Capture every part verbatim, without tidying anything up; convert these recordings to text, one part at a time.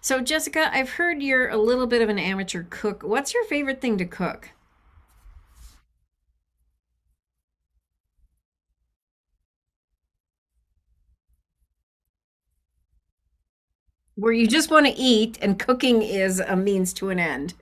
So, Jessica, I've heard you're a little bit of an amateur cook. What's your favorite thing to cook? Where you just want to eat and cooking is a means to an end.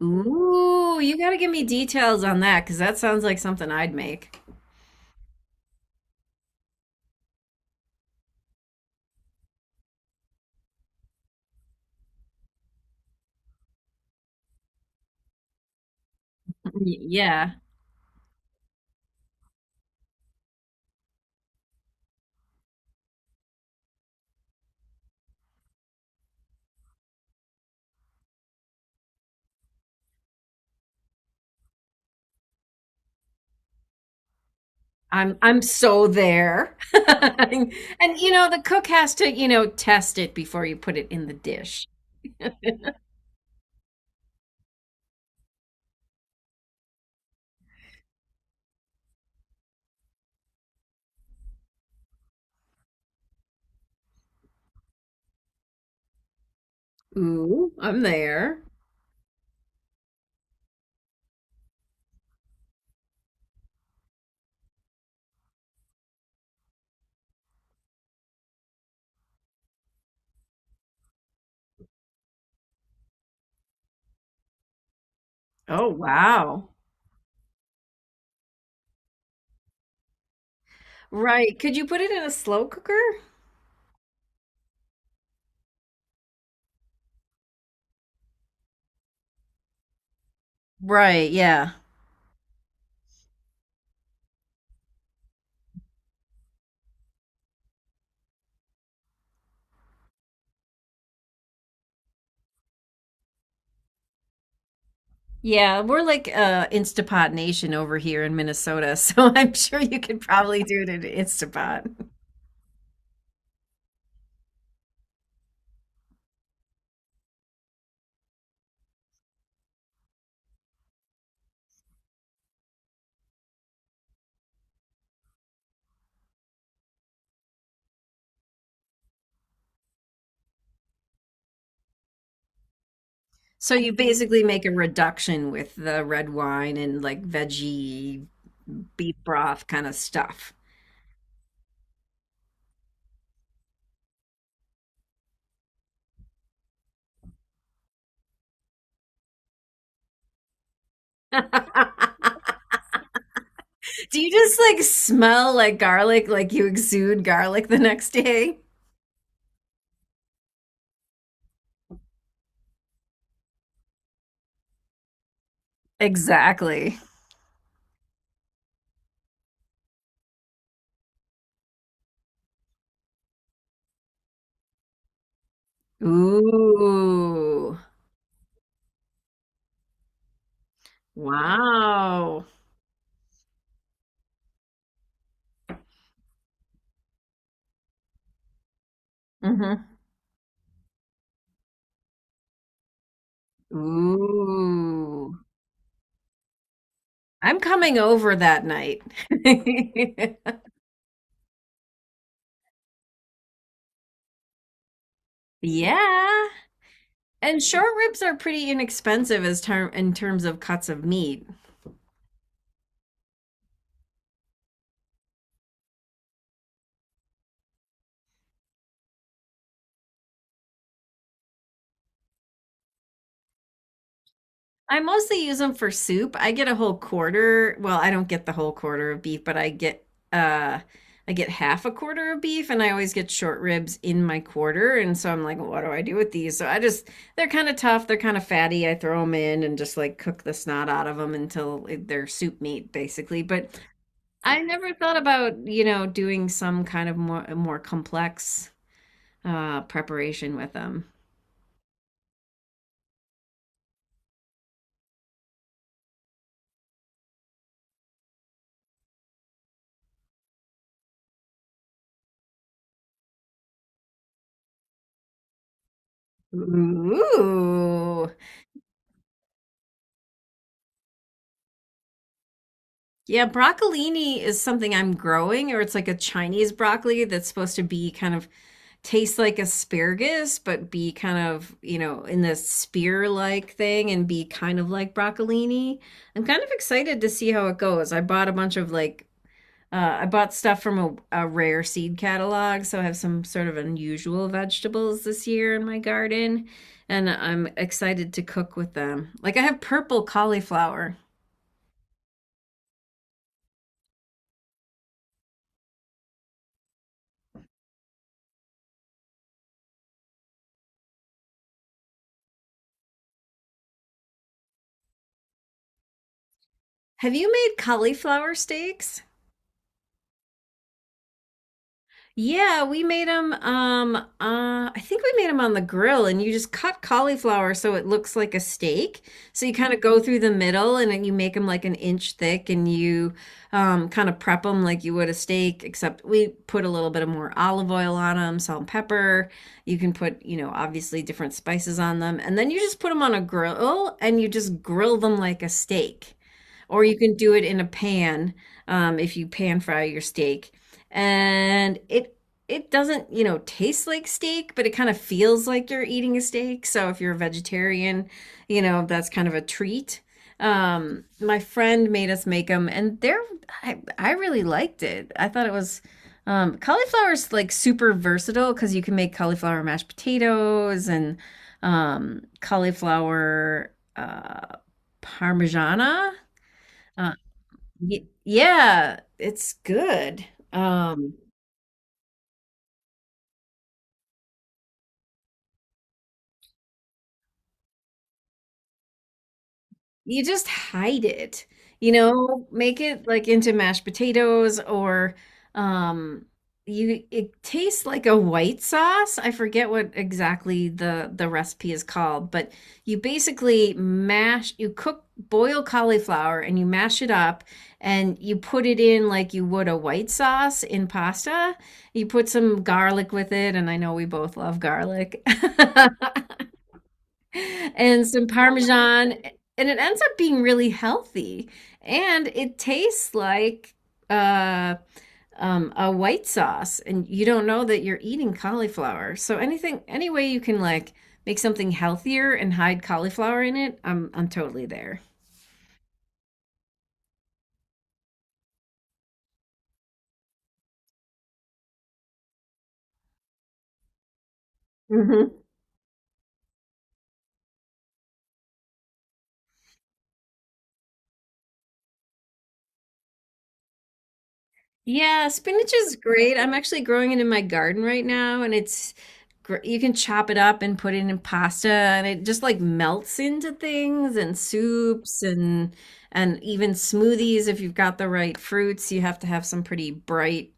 Ooh, you got to give me details on that because that sounds like something I'd make. Y- Yeah, I'm I'm so there. And you know, the cook has to, you know, test it before you put it in the dish. Ooh, I'm there. Oh, wow. Right. Could you put it in a slow cooker? Right, yeah. Yeah, we're like uh Instapot Nation over here in Minnesota, so I'm sure you could probably do it in Instapot. So you basically make a reduction with the red wine and like veggie beef broth kind of stuff. Do you just like smell like garlic, like you exude garlic the next day? Exactly. Ooh. Wow. Hmm. Ooh. I'm coming over that night. Yeah. And short ribs are pretty inexpensive as term in terms of cuts of meat. I mostly use them for soup. I get a whole quarter. Well, I don't get the whole quarter of beef, but I get uh I get half a quarter of beef and I always get short ribs in my quarter and so I'm like, "Well, what do I do with these? So I just they're kind of tough, they're kind of fatty. I throw them in and just like cook the snot out of them until they're soup meat basically. But I never thought about, you know, doing some kind of more more complex uh, preparation with them. Ooh. Yeah, broccolini is something I'm growing, or it's like a Chinese broccoli that's supposed to be kind of taste like asparagus, but be kind of, you know, in the spear like thing and be kind of like broccolini. I'm kind of excited to see how it goes. I bought a bunch of like Uh, I bought stuff from a, a rare seed catalog, so I have some sort of unusual vegetables this year in my garden, and I'm excited to cook with them. Like I have purple cauliflower. Have you made cauliflower steaks? Yeah, we made them. Um, uh, I think we made them on the grill, and you just cut cauliflower so it looks like a steak. So you kind of go Mhm. through the middle, and then you make them like an inch thick, and you um, kind of prep them like you would a steak, except we put a little bit of more olive oil on them, salt and pepper. You can put, you know, obviously different spices on them, and then you just put them on a grill, and you just grill them like a steak, or you can do it in a pan um, if you pan fry your steak and it it doesn't, you know, taste like steak, but it kind of feels like you're eating a steak. So if you're a vegetarian, you know, that's kind of a treat. Um, my friend made us make them, and they're I, I really liked it. I thought it was um, cauliflower is like super versatile because you can make cauliflower mashed potatoes and um, cauliflower uh, parmigiana. Uh, y- yeah, it's good. Um, You just hide it, you know, make it like into mashed potatoes or um you it tastes like a white sauce. I forget what exactly the the recipe is called, but you basically mash you cook boil cauliflower and you mash it up and you put it in like you would a white sauce in pasta. You put some garlic with it and I know we both love garlic. And some Parmesan, and it ends up being really healthy. And it tastes like uh, um, a white sauce, and you don't know that you're eating cauliflower. So anything, any way you can like make something healthier and hide cauliflower in it, I'm I'm totally there. Hmm. Yeah, spinach is great. I'm actually growing it in my garden right now, and it's gr- you can chop it up and put it in pasta, and it just like melts into things and soups and and even smoothies if you've got the right fruits. You have to have some pretty bright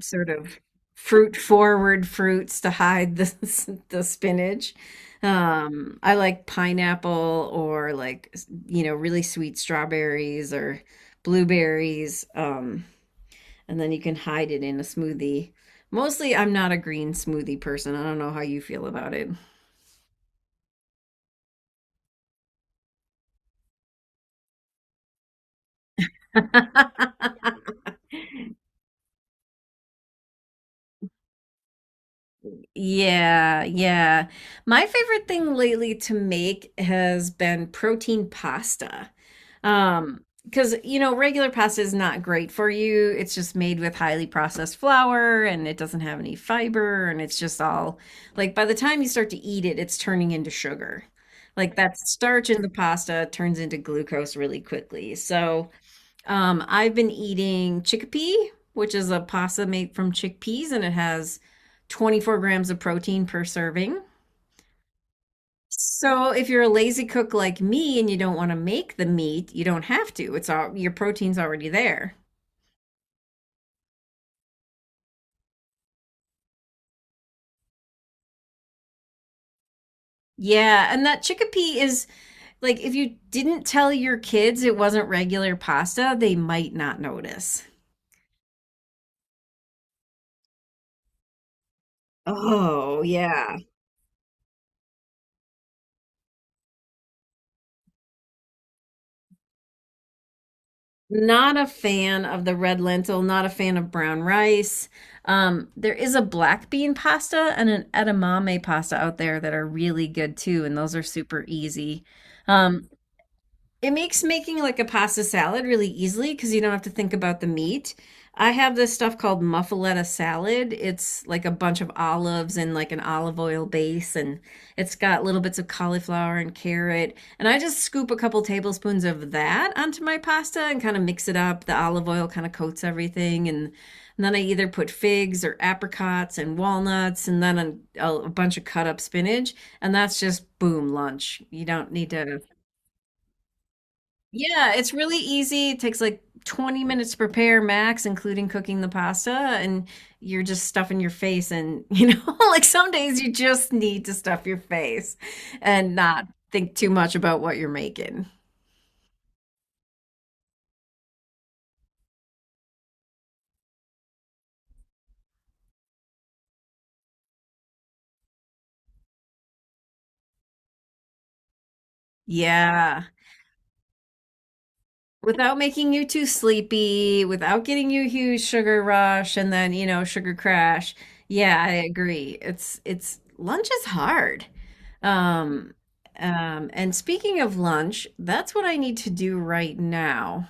sort of fruit forward fruits to hide the the spinach. Um, I like pineapple or like you know really sweet strawberries or blueberries. Um and then you can hide it in a smoothie. Mostly, I'm not a green smoothie person. I don't know how you feel about it. Yeah, yeah. My favorite thing lately to make has been protein pasta. Um, because you know, regular pasta is not great for you. It's just made with highly processed flour and it doesn't have any fiber and it's just all like by the time you start to eat it, it's turning into sugar. Like that starch in the pasta turns into glucose really quickly. So, Um, I've been eating chickpea, which is a pasta made from chickpeas, and it has twenty-four grams of protein per serving. So if you're a lazy cook like me and you don't want to make the meat, you don't have to. It's all your protein's already there. Yeah, and that chickpea is like if you didn't tell your kids it wasn't regular pasta, they might not notice. Oh, yeah. Not a fan of the red lentil, not a fan of brown rice. Um, there is a black bean pasta and an edamame pasta out there that are really good too, and those are super easy. Um, it makes making like a pasta salad really easily because you don't have to think about the meat. I have this stuff called muffaletta salad. It's like a bunch of olives and like an olive oil base, and it's got little bits of cauliflower and carrot. And I just scoop a couple tablespoons of that onto my pasta and kind of mix it up. The olive oil kind of coats everything, and, and then I either put figs or apricots and walnuts, and then a, a bunch of cut up spinach, and that's just boom lunch. You don't need to. Yeah, it's really easy. It takes like twenty minutes to prepare max, including cooking the pasta, and you're just stuffing your face and, you know, like some days you just need to stuff your face and not think too much about what you're making. Yeah. Without making you too sleepy, without getting you a huge sugar rush and then, you know, sugar crash. Yeah, I agree. It's it's lunch is hard. Um, um, and speaking of lunch, that's what I need to do right now.